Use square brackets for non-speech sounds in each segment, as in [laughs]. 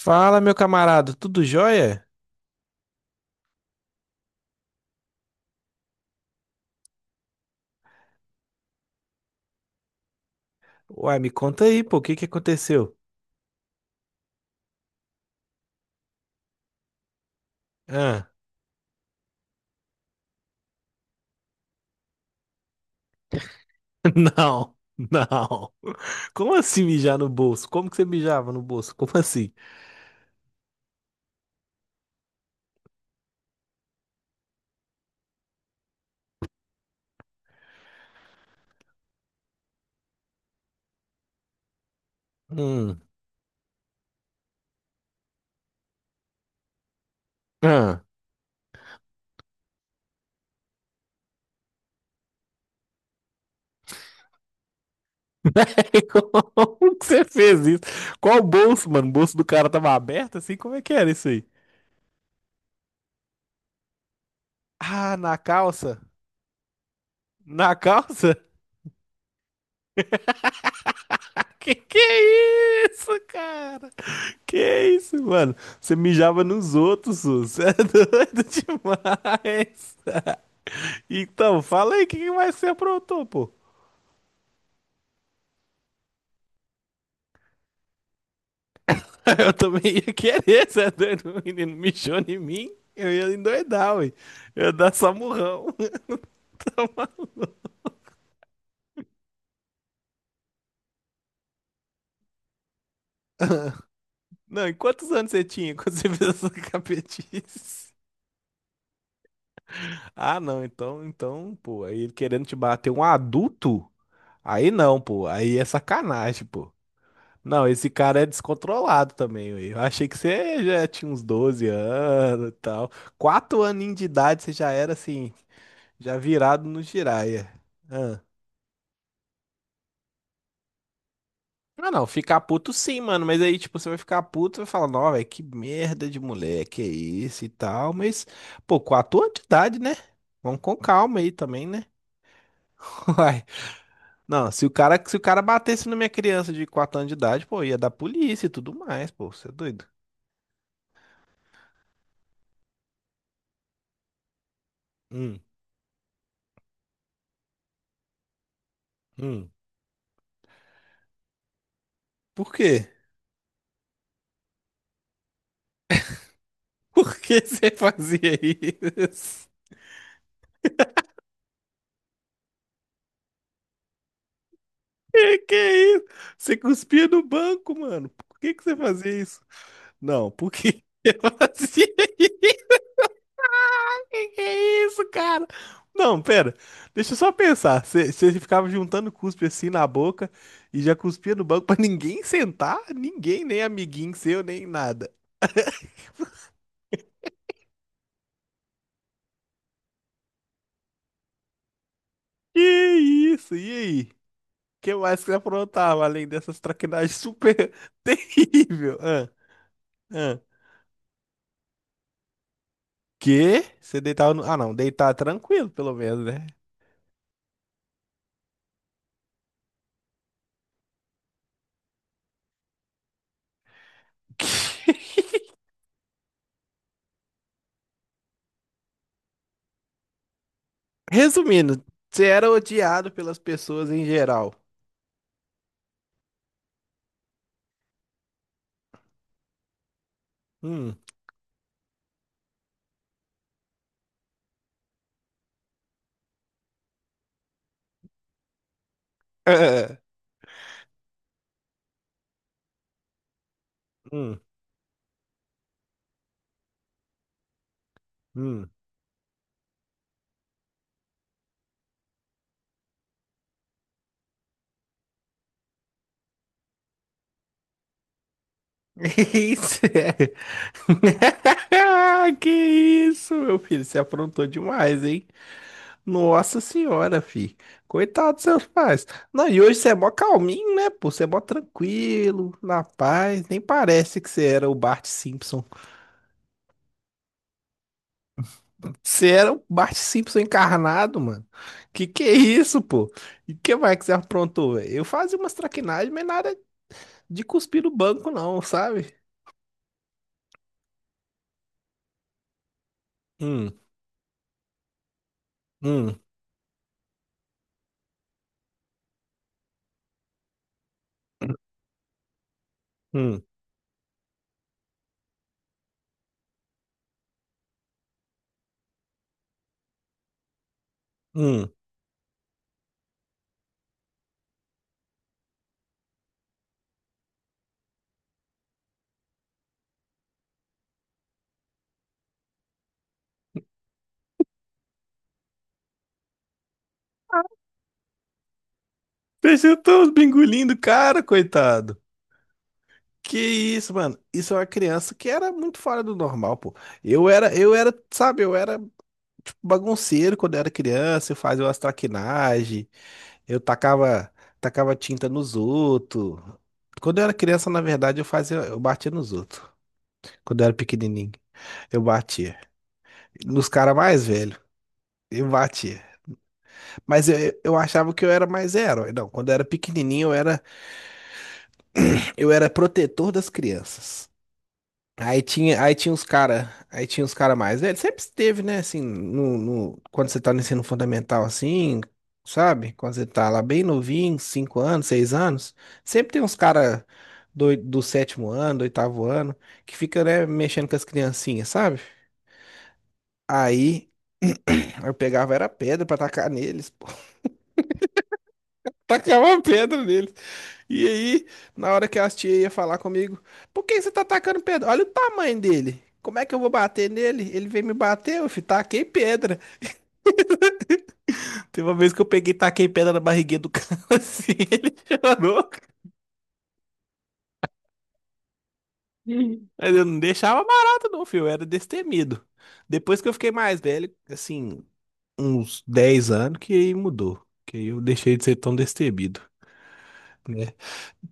Fala, meu camarada, tudo jóia? Uai, me conta aí, pô, o que que aconteceu? Ah, [laughs] não, não. Como assim mijar no bolso? Como que você mijava no bolso? Como assim? Hum, ah. [laughs] Como que você fez isso? Qual bolso, mano? O bolso do cara tava aberto assim? Como é que era isso aí? Ah, na calça? Na calça? [laughs] Que é isso, cara? Que isso, mano? Você mijava nos outros, Su. Você é doido [laughs] demais. Então, fala aí o que que mais você aprontou, pô. [laughs] Eu também ia querer, você é doido? O menino mijou em mim, eu ia endoidar, ué. Eu ia dar samurrão. [laughs] Não, e quantos anos você tinha quando você fez essa capetice? Ah, não, então, pô, aí ele querendo te bater um adulto? Aí não, pô, aí é sacanagem, pô. Não, esse cara é descontrolado também, ué. Eu achei que você já tinha uns 12 anos e tal. 4 aninhos de idade você já era assim, já virado no Jiraya. Ah. Ah, não, ficar puto sim, mano. Mas aí, tipo, você vai ficar puto e vai falar, não, velho, que merda de moleque é isso e tal. Mas, pô, com a tua idade, né? Vamos com calma aí também, né? [laughs] Uai. Não, se o cara batesse na minha criança de 4 anos de idade, pô, ia dar polícia e tudo mais, pô, você é doido. Hum, hum. Por quê? [laughs] Por que você [laughs] fazia isso? Que é isso? Você cuspia no banco, mano. Por que que você fazia isso? Não, por que [laughs] eu fazia isso? [laughs] Que é isso, cara? Não, pera. Deixa eu só pensar. Você ficava juntando cuspe assim na boca e já cuspia no banco pra ninguém sentar? Ninguém, nem amiguinho seu, nem nada. Que isso? E aí? O que mais que você aprontava além dessas traquinagens super [laughs] terrível? Ah, ah. Que? Você deitava no... Ah, não. Deitar tranquilo, pelo menos, né? [laughs] Resumindo, você era odiado pelas pessoas em geral. Hum. Ah, hum, hum. [laughs] Isso é. [laughs] Ah, que isso, meu filho? Você aprontou demais, hein? Nossa senhora, filho. Coitado dos seus pais. Não, e hoje você é mó calminho, né, pô? Você é mó tranquilo, na paz. Nem parece que você era o Bart Simpson. [laughs] Você era o Bart Simpson encarnado, mano. Que é isso, pô? E que mais que você aprontou, velho? Eu fazia umas traquinagens, mas nada de cuspir no banco, não, sabe? Hum, hum, hum, hum. Peixinho tão bingulindo, cara, coitado. Que isso, mano? Isso é uma criança que era muito fora do normal, pô. Eu era, sabe, eu era tipo, bagunceiro quando eu era criança, eu fazia umas traquinagens, eu tacava tinta nos outros. Quando eu era criança, na verdade, eu batia nos outros. Quando eu era pequenininho, eu batia. Nos caras mais velhos, eu batia. Mas eu achava que eu era mais herói. Não, quando eu era pequenininho, eu era protetor das crianças. Aí tinha os cara mais velhos. Sempre esteve, né? Assim, quando você tá no ensino fundamental, assim, sabe? Quando você tá lá bem novinho, 5 anos, 6 anos, sempre tem uns cara do sétimo ano, do oitavo ano, que fica, né, mexendo com as criancinhas, sabe? Aí eu pegava era pedra pra tacar neles, pô. [laughs] Tacava pedra neles. E aí, na hora que as tias iam falar comigo, por que você tá atacando pedra? Olha o tamanho dele. Como é que eu vou bater nele? Ele veio me bater, taquei pedra. Teve uma vez que eu peguei e taquei pedra na barriguinha do cara, [laughs] assim, ele chorou. Mas eu não deixava barato não, filho, eu era destemido. Depois que eu fiquei mais velho, assim, uns 10 anos, que aí mudou. Que aí eu deixei de ser tão destemido, né?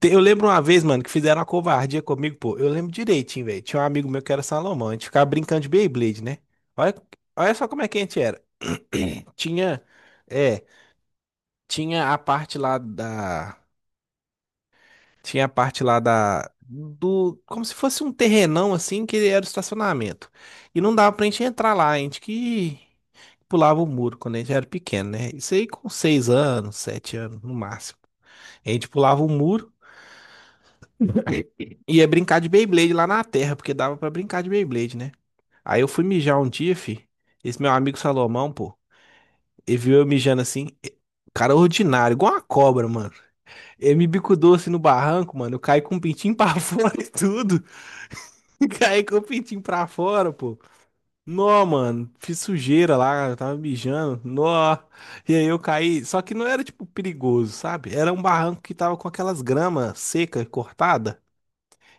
Eu lembro uma vez, mano, que fizeram uma covardia comigo, pô. Eu lembro direitinho, velho. Tinha um amigo meu que era Salomão. A gente ficava brincando de Beyblade, né? Olha, olha só como é que a gente era. [clears throat] Tinha. É. Tinha a parte lá da. Tinha a parte lá da. Do. Como se fosse um terrenão, assim, que era o estacionamento. E não dava pra gente entrar lá. A gente que pulava o muro quando a gente era pequeno, né? Isso aí com 6 anos, 7 anos, no máximo. A gente pulava o muro. Ia brincar de Beyblade lá na terra, porque dava pra brincar de Beyblade, né? Aí eu fui mijar um dia, fi. Esse meu amigo Salomão, pô, ele viu eu mijando assim. Cara ordinário, igual uma cobra, mano. Ele me bicudou assim no barranco, mano. Eu caí com o pintinho pra [laughs] fora e tudo. [laughs] Caí com o pintinho pra fora, pô. Nó, mano. Fiz sujeira lá, eu tava mijando. Nó. E aí eu caí. Só que não era, tipo, perigoso, sabe? Era um barranco que tava com aquelas gramas secas, cortadas.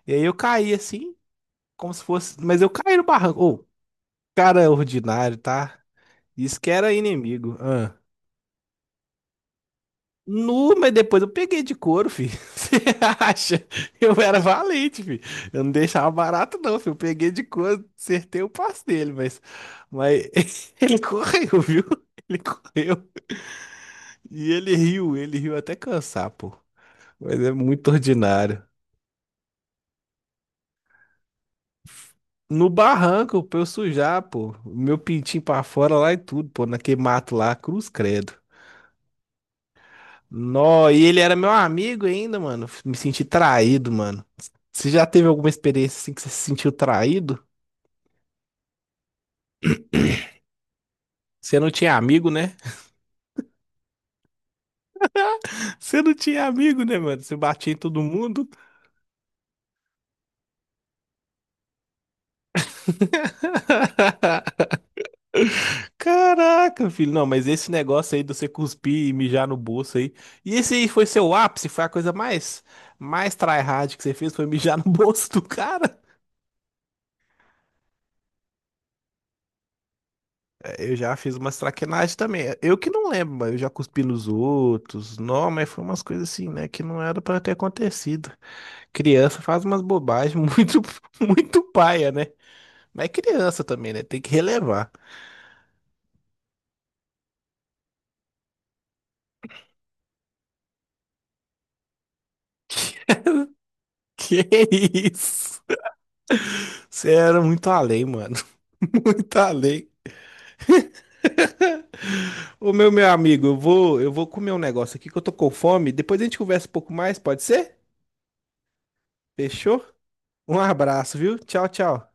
E aí eu caí assim. Como se fosse. Mas eu caí no barranco. Ô, cara ordinário, tá? Isso que era inimigo. Ah. Nu, mas depois eu peguei de couro, filho. [laughs] Você acha? Eu era valente, filho. Eu não deixava barato, não, filho. Eu peguei de couro, acertei o passo dele, mas. Mas [laughs] ele correu, viu? Ele correu. E ele riu até cansar, pô. Mas é muito ordinário. No barranco, pra eu sujar, pô. Meu pintinho pra fora lá e tudo, pô. Naquele mato lá, cruz credo. Nó, e ele era meu amigo ainda, mano. Me senti traído, mano. Você já teve alguma experiência assim que você se sentiu traído? Você não tinha amigo, né? [laughs] Você não tinha amigo, né, mano? Você batia em todo mundo. [laughs] Caraca, filho. Não, mas esse negócio aí de você cuspir e mijar no bolso aí. E esse aí foi seu ápice? Foi a coisa mais tryhard que você fez? Foi mijar no [laughs] bolso do cara? Eu já fiz umas traquinagens também. Eu que não lembro, mas eu já cuspi nos outros. Não, mas foi umas coisas assim, né? Que não era pra ter acontecido. Criança faz umas bobagens [laughs] muito, muito paia, né? Mas é criança também, né? Tem que relevar. [laughs] Que isso? Você era muito além, mano. [laughs] Muito além. Ô, meu amigo, eu vou comer um negócio aqui que eu tô com fome. Depois a gente conversa um pouco mais, pode ser? Fechou? Um abraço, viu? Tchau, tchau.